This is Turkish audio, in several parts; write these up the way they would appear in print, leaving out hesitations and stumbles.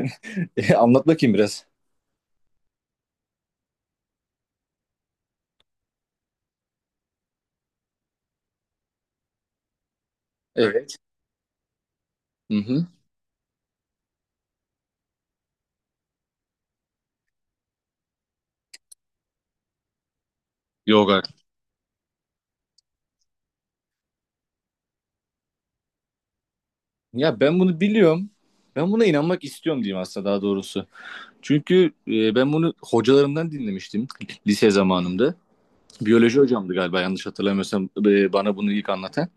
Anlat bakayım biraz. Evet. Hı hı. Yoga. Ya ben bunu biliyorum. Ben buna inanmak istiyorum diyeyim aslında daha doğrusu. Çünkü ben bunu hocalarımdan dinlemiştim lise zamanımda. Biyoloji hocamdı galiba yanlış hatırlamıyorsam bana bunu ilk anlatan.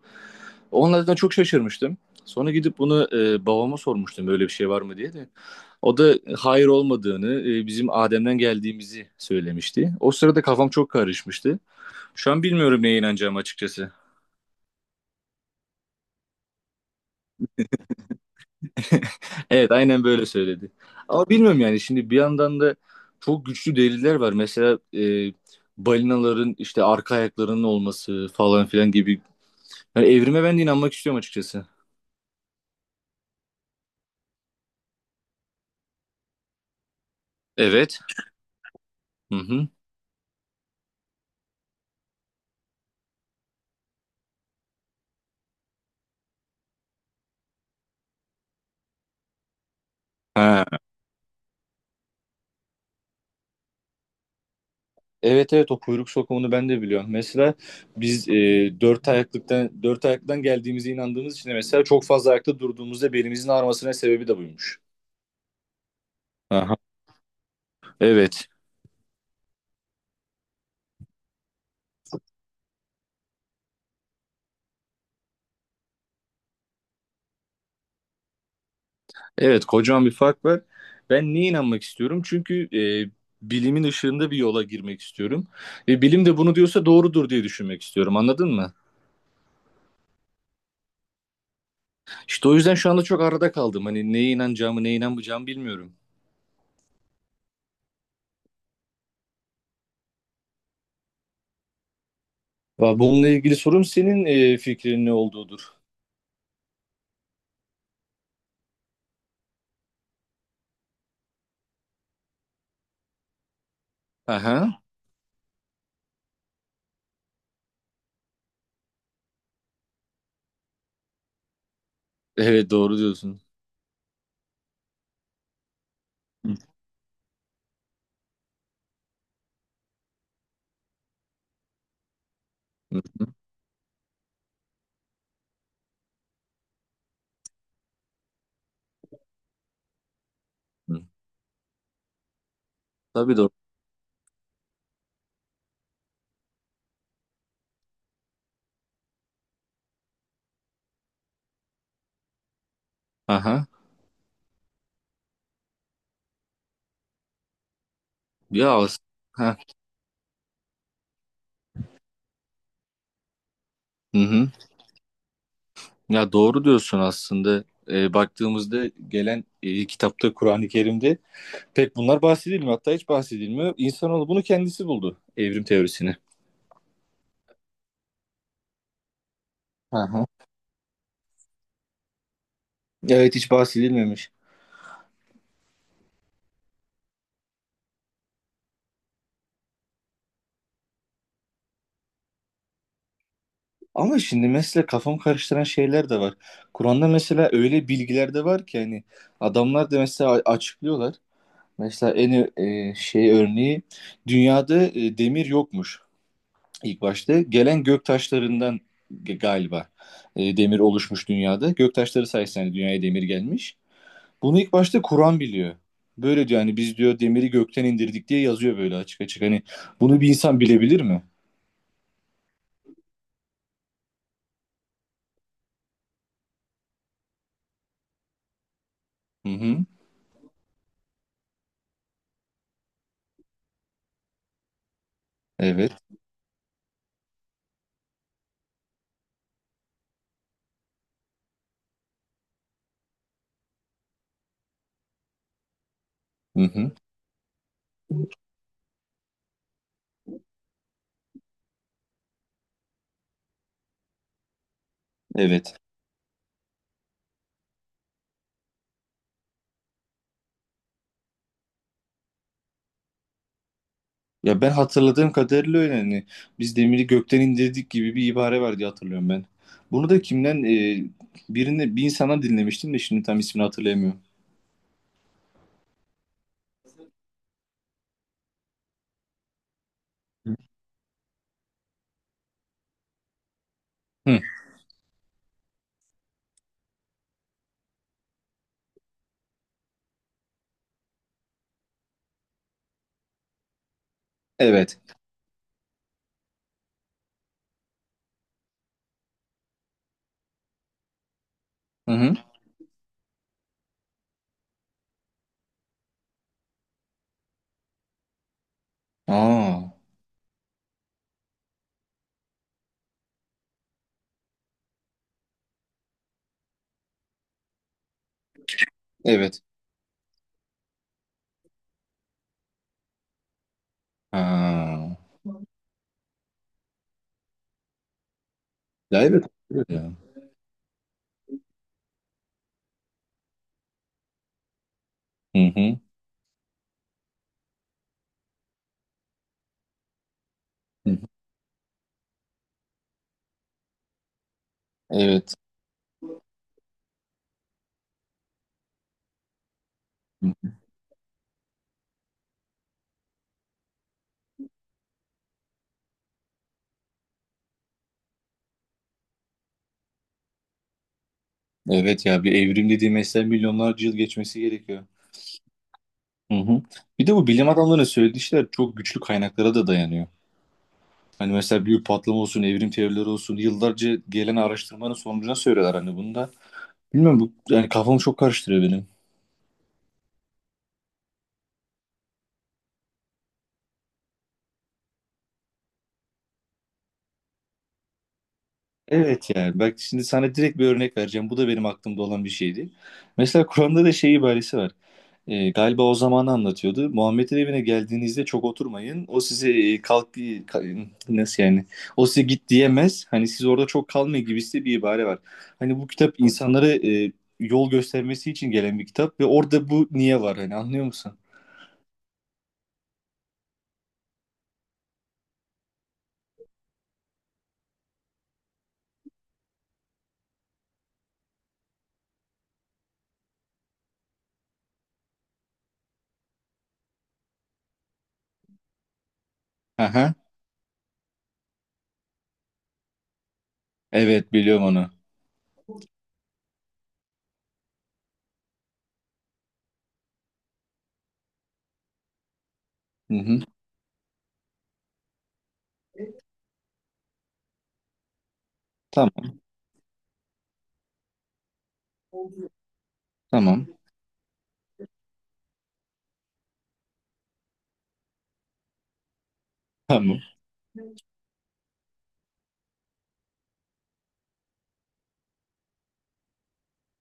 Onlardan çok şaşırmıştım. Sonra gidip bunu babama sormuştum böyle bir şey var mı diye de. O da hayır olmadığını, bizim Adem'den geldiğimizi söylemişti. O sırada kafam çok karışmıştı. Şu an bilmiyorum neye inanacağım açıkçası. Evet, aynen böyle söyledi. Ama bilmiyorum, yani şimdi bir yandan da çok güçlü deliller var. Mesela balinaların işte arka ayaklarının olması falan filan gibi. Yani evrime ben de inanmak istiyorum açıkçası. Evet. Hı hı. Ha. Evet, evet, o kuyruk sokumunu ben de biliyorum. Mesela biz dört ayaklıdan geldiğimize inandığımız için de mesela çok fazla ayakta durduğumuzda belimizin ağrımasına sebebi de buymuş. Aha. Evet. Evet, kocaman bir fark var. Ben neye inanmak istiyorum? Çünkü bilimin ışığında bir yola girmek istiyorum. Ve bilim de bunu diyorsa doğrudur diye düşünmek istiyorum. Anladın mı? İşte o yüzden şu anda çok arada kaldım. Hani neye inanacağımı, neye inanmayacağımı bilmiyorum. Bununla ilgili sorum senin fikrin ne olduğudur. Aha. Evet, doğru diyorsun. Hı. Hı hı. Hı. Tabii, doğru. Aha. Ya as- ha. Hı hı. Ya doğru diyorsun aslında. Baktığımızda gelen kitapta, Kur'an-ı Kerim'de pek bunlar bahsedilmiyor. Hatta hiç bahsedilmiyor. İnsanoğlu bunu kendisi buldu. Evrim teorisini. Hı hı. Evet, hiç bahsedilmemiş. Ama şimdi mesela kafam karıştıran şeyler de var. Kur'an'da mesela öyle bilgiler de var ki hani adamlar da mesela açıklıyorlar. Mesela en şey örneği, dünyada demir yokmuş ilk başta. Gelen gök taşlarından galiba demir oluşmuş dünyada. Gök taşları sayesinde hani dünyaya demir gelmiş. Bunu ilk başta Kur'an biliyor. Böyle diyor, hani biz diyor demiri gökten indirdik diye yazıyor böyle açık açık. Hani bunu bir insan bilebilir mi? Hı hı. Evet. Hı hı. Evet. Ya ben hatırladığım kadarıyla öyle, hani biz demiri gökten indirdik gibi bir ibare var diye hatırlıyorum ben. Bunu da kimden, bir insandan dinlemiştim de şimdi tam ismini hatırlayamıyorum. Hı. Hı. Evet. Hı hı. Aa. Evet. Ha. Ya evet. Evet ya. Hı hı. Hı hı. Evet. Evet ya, bir evrim dediği mesela milyonlarca yıl geçmesi gerekiyor. Hı hı. Bir de bu bilim adamlarının söylediği şeyler çok güçlü kaynaklara da dayanıyor. Hani mesela büyük patlama olsun, evrim teorileri olsun, yıllarca gelen araştırmanın sonucuna söylüyorlar hani bunu da. Bilmiyorum, bu yani kafamı çok karıştırıyor benim. Evet yani bak, şimdi sana direkt bir örnek vereceğim. Bu da benim aklımda olan bir şeydi. Mesela Kur'an'da da şey ibaresi var. Galiba o zamanı anlatıyordu. Muhammed'in evine geldiğinizde çok oturmayın. O size nasıl yani? O size git diyemez. Hani siz orada çok kalmayın gibisi bir ibare var. Hani bu kitap insanlara yol göstermesi için gelen bir kitap ve orada bu niye var, hani anlıyor musun? Aha. Evet, biliyorum onu. Hı hı. Tamam, tamam, tamam,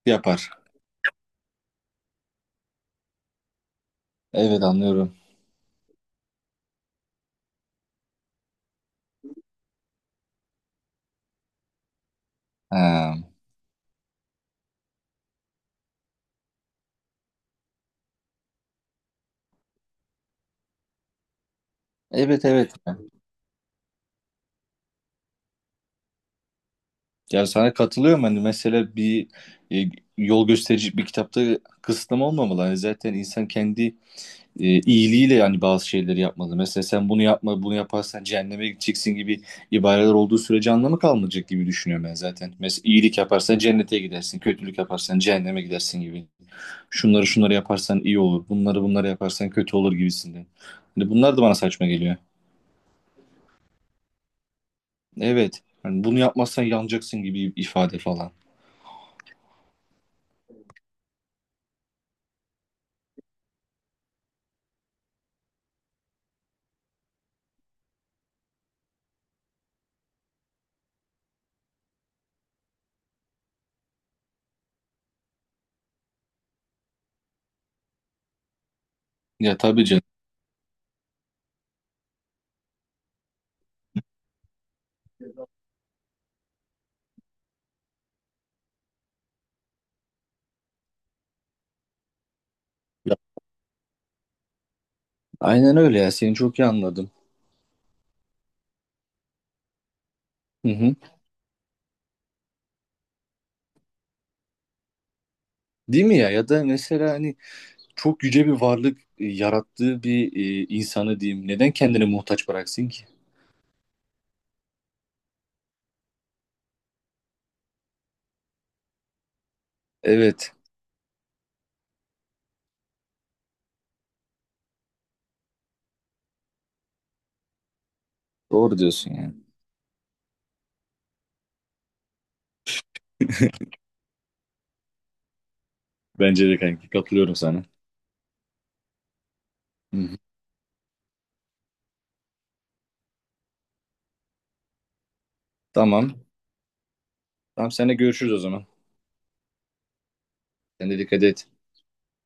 yapar. Evet, anlıyorum. Ha. Evet, evet. Ya sana katılıyorum, hani mesela bir e, yol gösterici bir kitapta kısıtlama olmamalı. Hani zaten insan kendi iyiliğiyle yani bazı şeyleri yapmalı. Mesela sen bunu yapma, bunu yaparsan cehenneme gideceksin gibi ibareler olduğu sürece anlamı kalmayacak gibi düşünüyorum ben zaten. Mesela iyilik yaparsan cennete gidersin, kötülük yaparsan cehenneme gidersin gibi. Şunları şunları yaparsan iyi olur, bunları bunları yaparsan kötü olur gibisinden. Hani bunlar da bana saçma geliyor. Evet. Hani bunu yapmazsan yanacaksın gibi ifade falan. Ya tabii canım. Ya, aynen öyle ya. Seni çok iyi anladım. Hı hı. Değil mi ya? Ya da mesela hani çok yüce bir varlık yarattığı bir insanı diyeyim. Neden kendini muhtaç bıraksın ki? Evet. Doğru diyorsun yani. Bence de kanki. Katılıyorum sana. Hı hı. Tamam. Tamam, seninle görüşürüz o zaman. Sen de dikkat et.